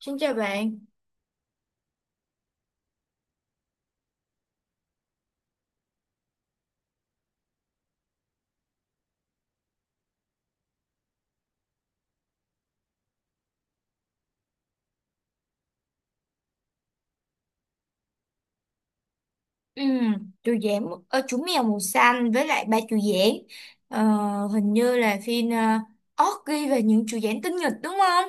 Xin chào bạn. Ừm, chú giảng chú mèo màu xanh với lại ba chú giảng Ờ, hình như là phim Orgy và những chú giảng tinh nghịch đúng không?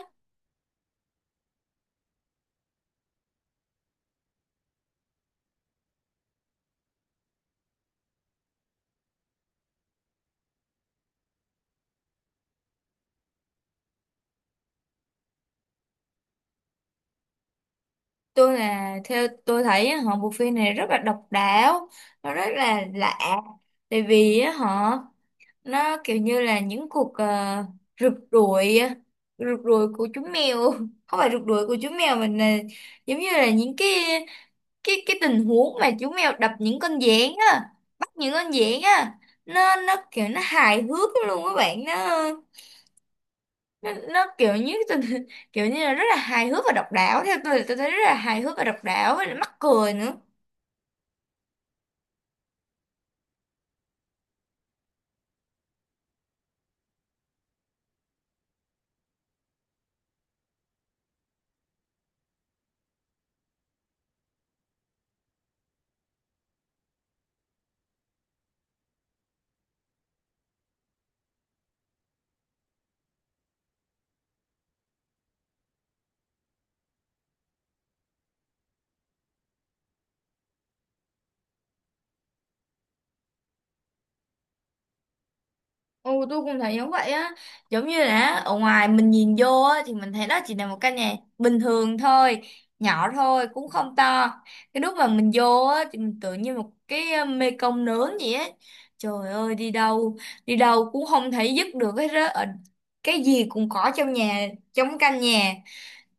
Tôi là theo tôi thấy á, họ bộ phim này rất là độc đáo, nó rất là lạ. Tại vì á, họ nó kiểu như là những cuộc rượt đuổi rượt đuổi của chú mèo, không phải rượt đuổi của chú mèo mà là giống như là những cái cái tình huống mà chú mèo đập những con gián á, bắt những con gián á. Nó kiểu nó hài hước lắm luôn các bạn. Nó kiểu như tình kiểu như là rất là hài hước và độc đáo. Theo tôi là tôi thấy rất là hài hước và độc đáo với lại mắc cười nữa. Ừ, tôi cũng thấy giống vậy á, giống như là ở ngoài mình nhìn vô á thì mình thấy đó chỉ là một căn nhà bình thường thôi, nhỏ thôi cũng không to. Cái lúc mà mình vô á thì mình tưởng như một cái mê công nướng vậy á, trời ơi đi đâu, đi đâu cũng không thấy dứt được hết á. Cái gì cũng có trong nhà, trong căn nhà.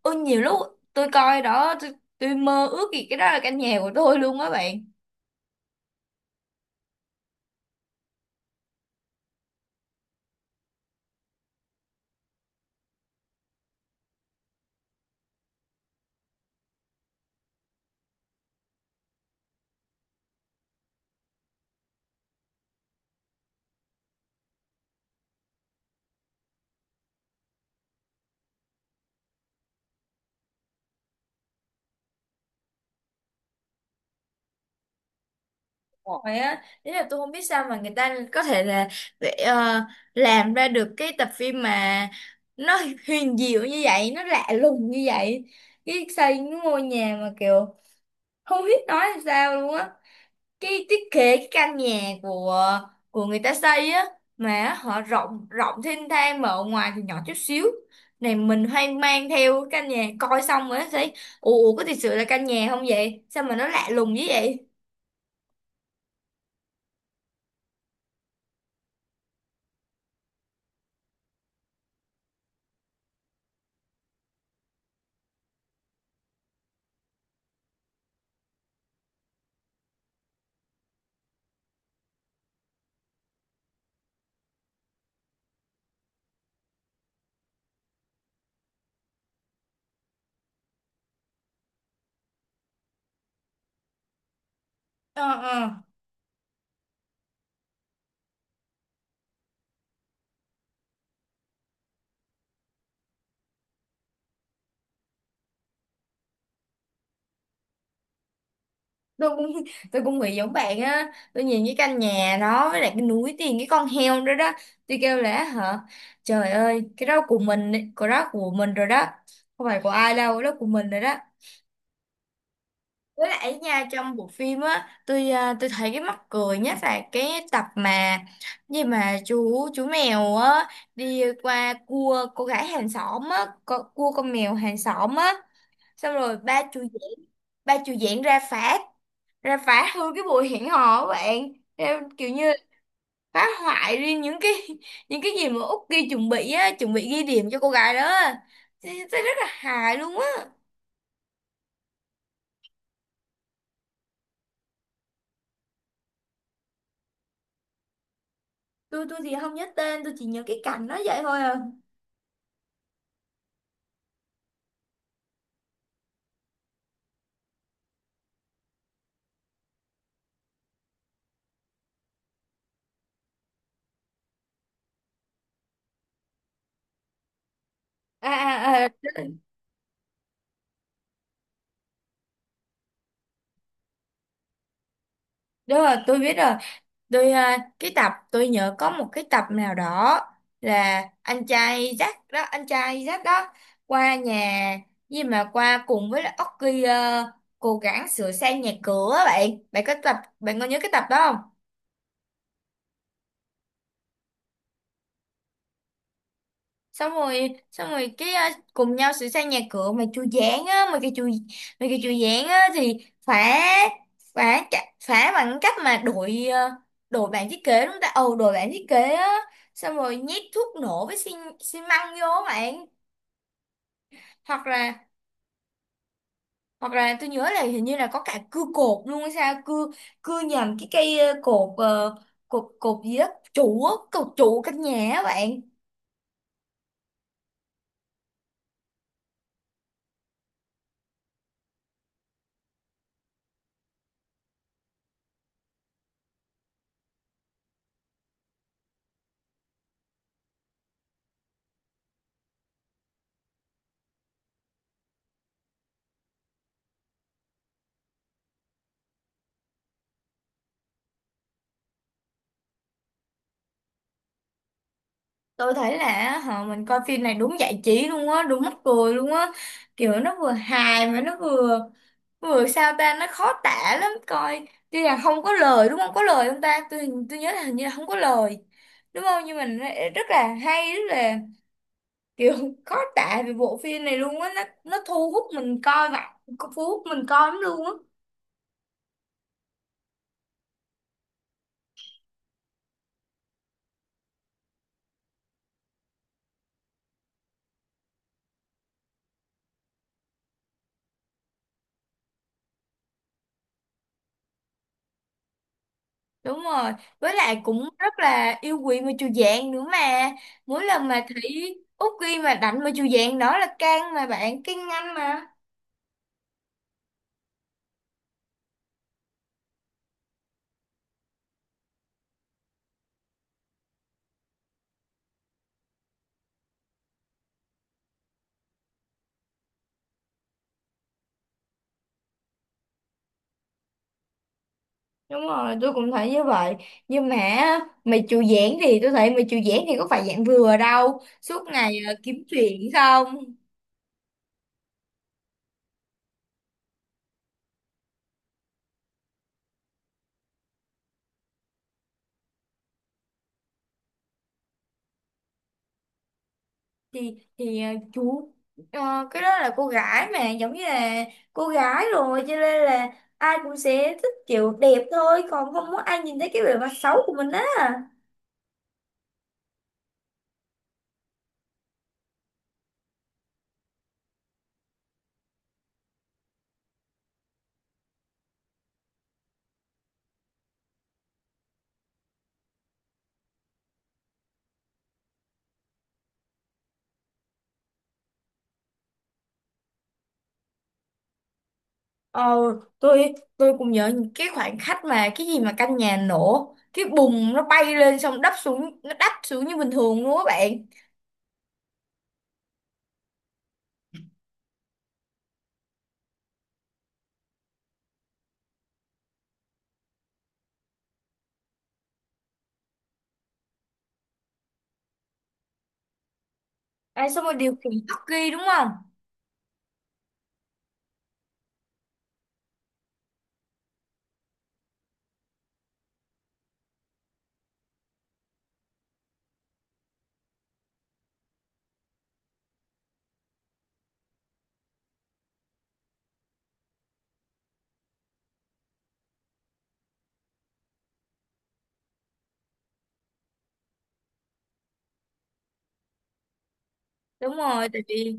Ôi nhiều lúc tôi coi đó, tôi mơ ước gì cái đó là căn nhà của tôi luôn á bạn. Rồi á, ý là tôi không biết sao mà người ta có thể là để làm ra được cái tập phim mà nó huyền diệu như vậy, nó lạ lùng như vậy. Cái xây cái ngôi nhà mà kiểu không biết nói làm sao luôn á. Cái thiết kế cái căn nhà của người ta xây á mà họ rộng, rộng thênh thang mà ở ngoài thì nhỏ chút xíu. Này mình hoang mang theo cái căn nhà coi xong rồi thấy ủa ủa, có thật sự là căn nhà không vậy? Sao mà nó lạ lùng như vậy? Ờ, ờ, tôi cũng tôi cũng nghĩ giống bạn á. Tôi nhìn cái căn nhà đó với lại cái núi tiền, cái con heo đó đó, tôi kêu là hả, trời ơi cái đó của mình ấy, cái đó của mình rồi đó, không phải của ai đâu, cái đó của mình rồi đó. Với lại ấy nha, trong bộ phim á tôi thấy cái mắc cười nhất là cái tập mà gì mà chú mèo á đi qua cua cô gái hàng xóm á, cua con mèo hàng xóm á, xong rồi ba chú, ba chú diễn ra phá, ra phá hư cái buổi hẹn hò của bạn ra, kiểu như phá hoại riêng những cái những cái gì mà Út ghi chuẩn bị á, chuẩn bị ghi điểm cho cô gái đó á. Thì rất là hài luôn á. Tôi thì không nhớ tên, tôi chỉ nhớ cái cảnh nó vậy thôi à. À, à, à. Đúng rồi tôi biết rồi. Tôi cái tập tôi nhớ có một cái tập nào đó là anh trai Jack đó, anh trai Jack đó qua nhà gì mà qua cùng với lại Oki cố gắng sửa sang nhà cửa á bạn. Bạn có tập bạn có nhớ cái tập đó không? Xong rồi cái cùng nhau sửa sang nhà cửa mà chu giảng á, mà cái chu giảng á thì phá, phá bằng cách mà đổi đổi bảng thiết kế đúng không ta, ồ đổi bảng thiết kế á, xong rồi nhét thuốc nổ với xi măng vô á bạn. Hoặc là, hoặc là tôi nhớ là hình như là có cả cưa cột luôn hay sao, cưa, cưa nhầm cái cây cột cột cột gì đó, trụ á, cột trụ căn nhà á bạn. Tôi thấy là họ mình coi phim này đúng giải trí luôn á, đúng mắc cười luôn á, kiểu nó vừa hài mà nó vừa, vừa sao ta, nó khó tả lắm. Coi tuy là không có lời, đúng không có lời không ta, tôi nhớ là hình như là không có lời đúng không, nhưng mình rất là hay, rất là kiểu khó tả về bộ phim này luôn á. Nó thu hút mình coi mà, thu hút mình coi lắm luôn á. Đúng rồi, với lại cũng rất là yêu quý mà chù dạng nữa mà. Mỗi lần mà thấy Út ghi mà đánh mà chù dạng đó là can mà bạn, can nhanh mà. Đúng rồi, tôi cũng thấy như vậy. Nhưng mà á, mày chù dạng thì tôi thấy mày chù dạng thì có phải dạng vừa đâu. Suốt ngày kiếm chuyện không? Thì chú, cái đó là cô gái mà giống như là cô gái rồi, cho nên là ai cũng sẽ thích kiểu đẹp thôi, còn không muốn ai nhìn thấy cái bề mặt xấu của mình á. Ờ, tôi cũng nhớ những cái khoảnh khắc mà cái gì mà căn nhà nổ cái bùng, nó bay lên xong đắp xuống, nó đắp xuống như bình thường luôn các bạn. À, xong rồi điều khiển tắc ghi đúng không. Đúng rồi tại vì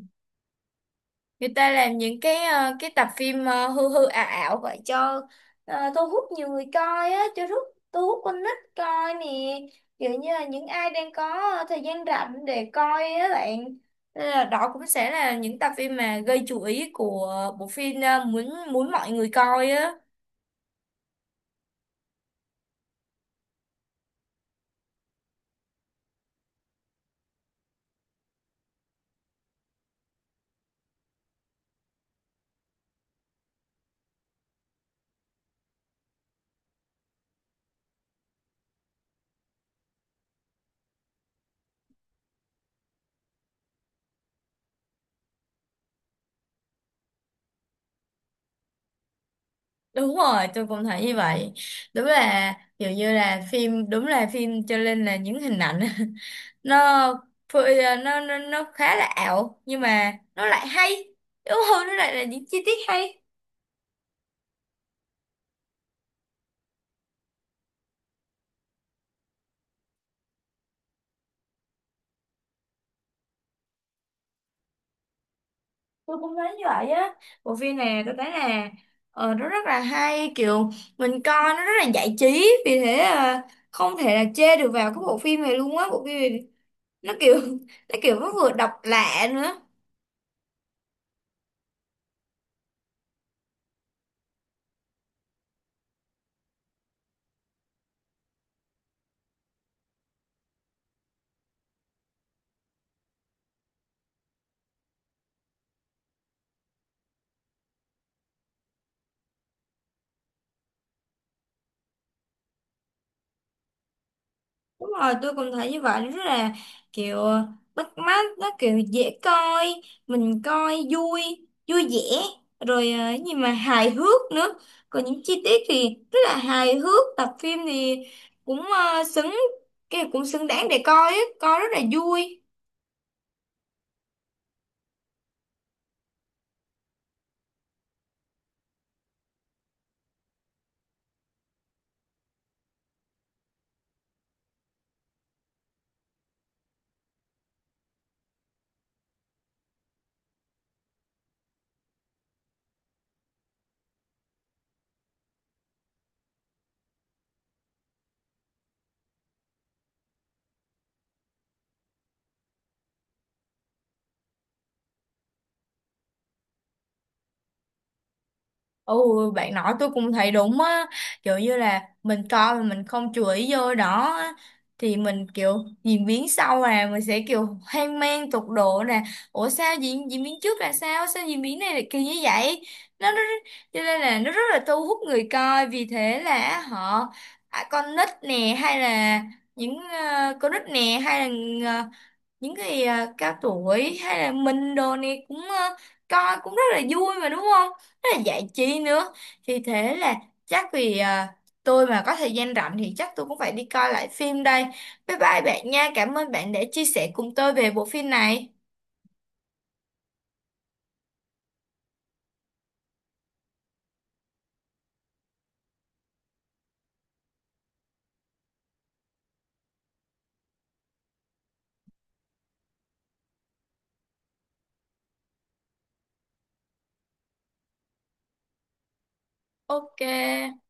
người ta làm những cái cái tập phim hư hư ảo ảo vậy cho thu hút nhiều người coi á, cho thu hút con nít coi nè, kiểu như là những ai đang có thời gian rảnh để coi á bạn. Nên là đó cũng sẽ là những tập phim mà gây chú ý của bộ phim muốn muốn mọi người coi á. Đúng rồi tôi cũng thấy như vậy. Đúng là kiểu như là phim, đúng là phim cho nên là những hình ảnh nó nó khá là ảo nhưng mà nó lại hay đúng không, nó lại là những chi tiết hay. Tôi cũng thấy như vậy á, bộ phim này tôi thấy là nó rất là hay, kiểu mình coi nó rất là giải trí, vì thế không thể là chê được vào cái bộ phim này luôn á. Bộ phim này nó kiểu nó kiểu nó vừa độc lạ nữa. Đúng rồi, tôi cũng thấy như vậy, nó rất là kiểu bắt mắt, nó kiểu dễ coi, mình coi vui, vui vẻ, rồi cái gì mà hài hước nữa. Còn những chi tiết thì rất là hài hước, tập phim thì cũng cái cũng xứng đáng để coi á, coi rất là vui. Ồ, bạn nói tôi cũng thấy đúng á, kiểu như là mình coi mà mình không chú ý vô đó á, thì mình kiểu diễn biến sau là mình sẽ kiểu hoang mang tột độ nè, ủa sao diễn diễn biến trước là sao, sao diễn biến này là kỳ như vậy, nó cho nên là nó rất là thu hút người coi, vì thế là họ à, con nít nè hay là những con nít nè hay là những cái à, cao tuổi hay là mình đồ này cũng coi cũng rất là vui mà đúng không, rất là giải trí nữa. Thì thế là chắc vì à, tôi mà có thời gian rảnh thì chắc tôi cũng phải đi coi lại phim đây. Bye bye bạn nha, cảm ơn bạn đã chia sẻ cùng tôi về bộ phim này. Ok.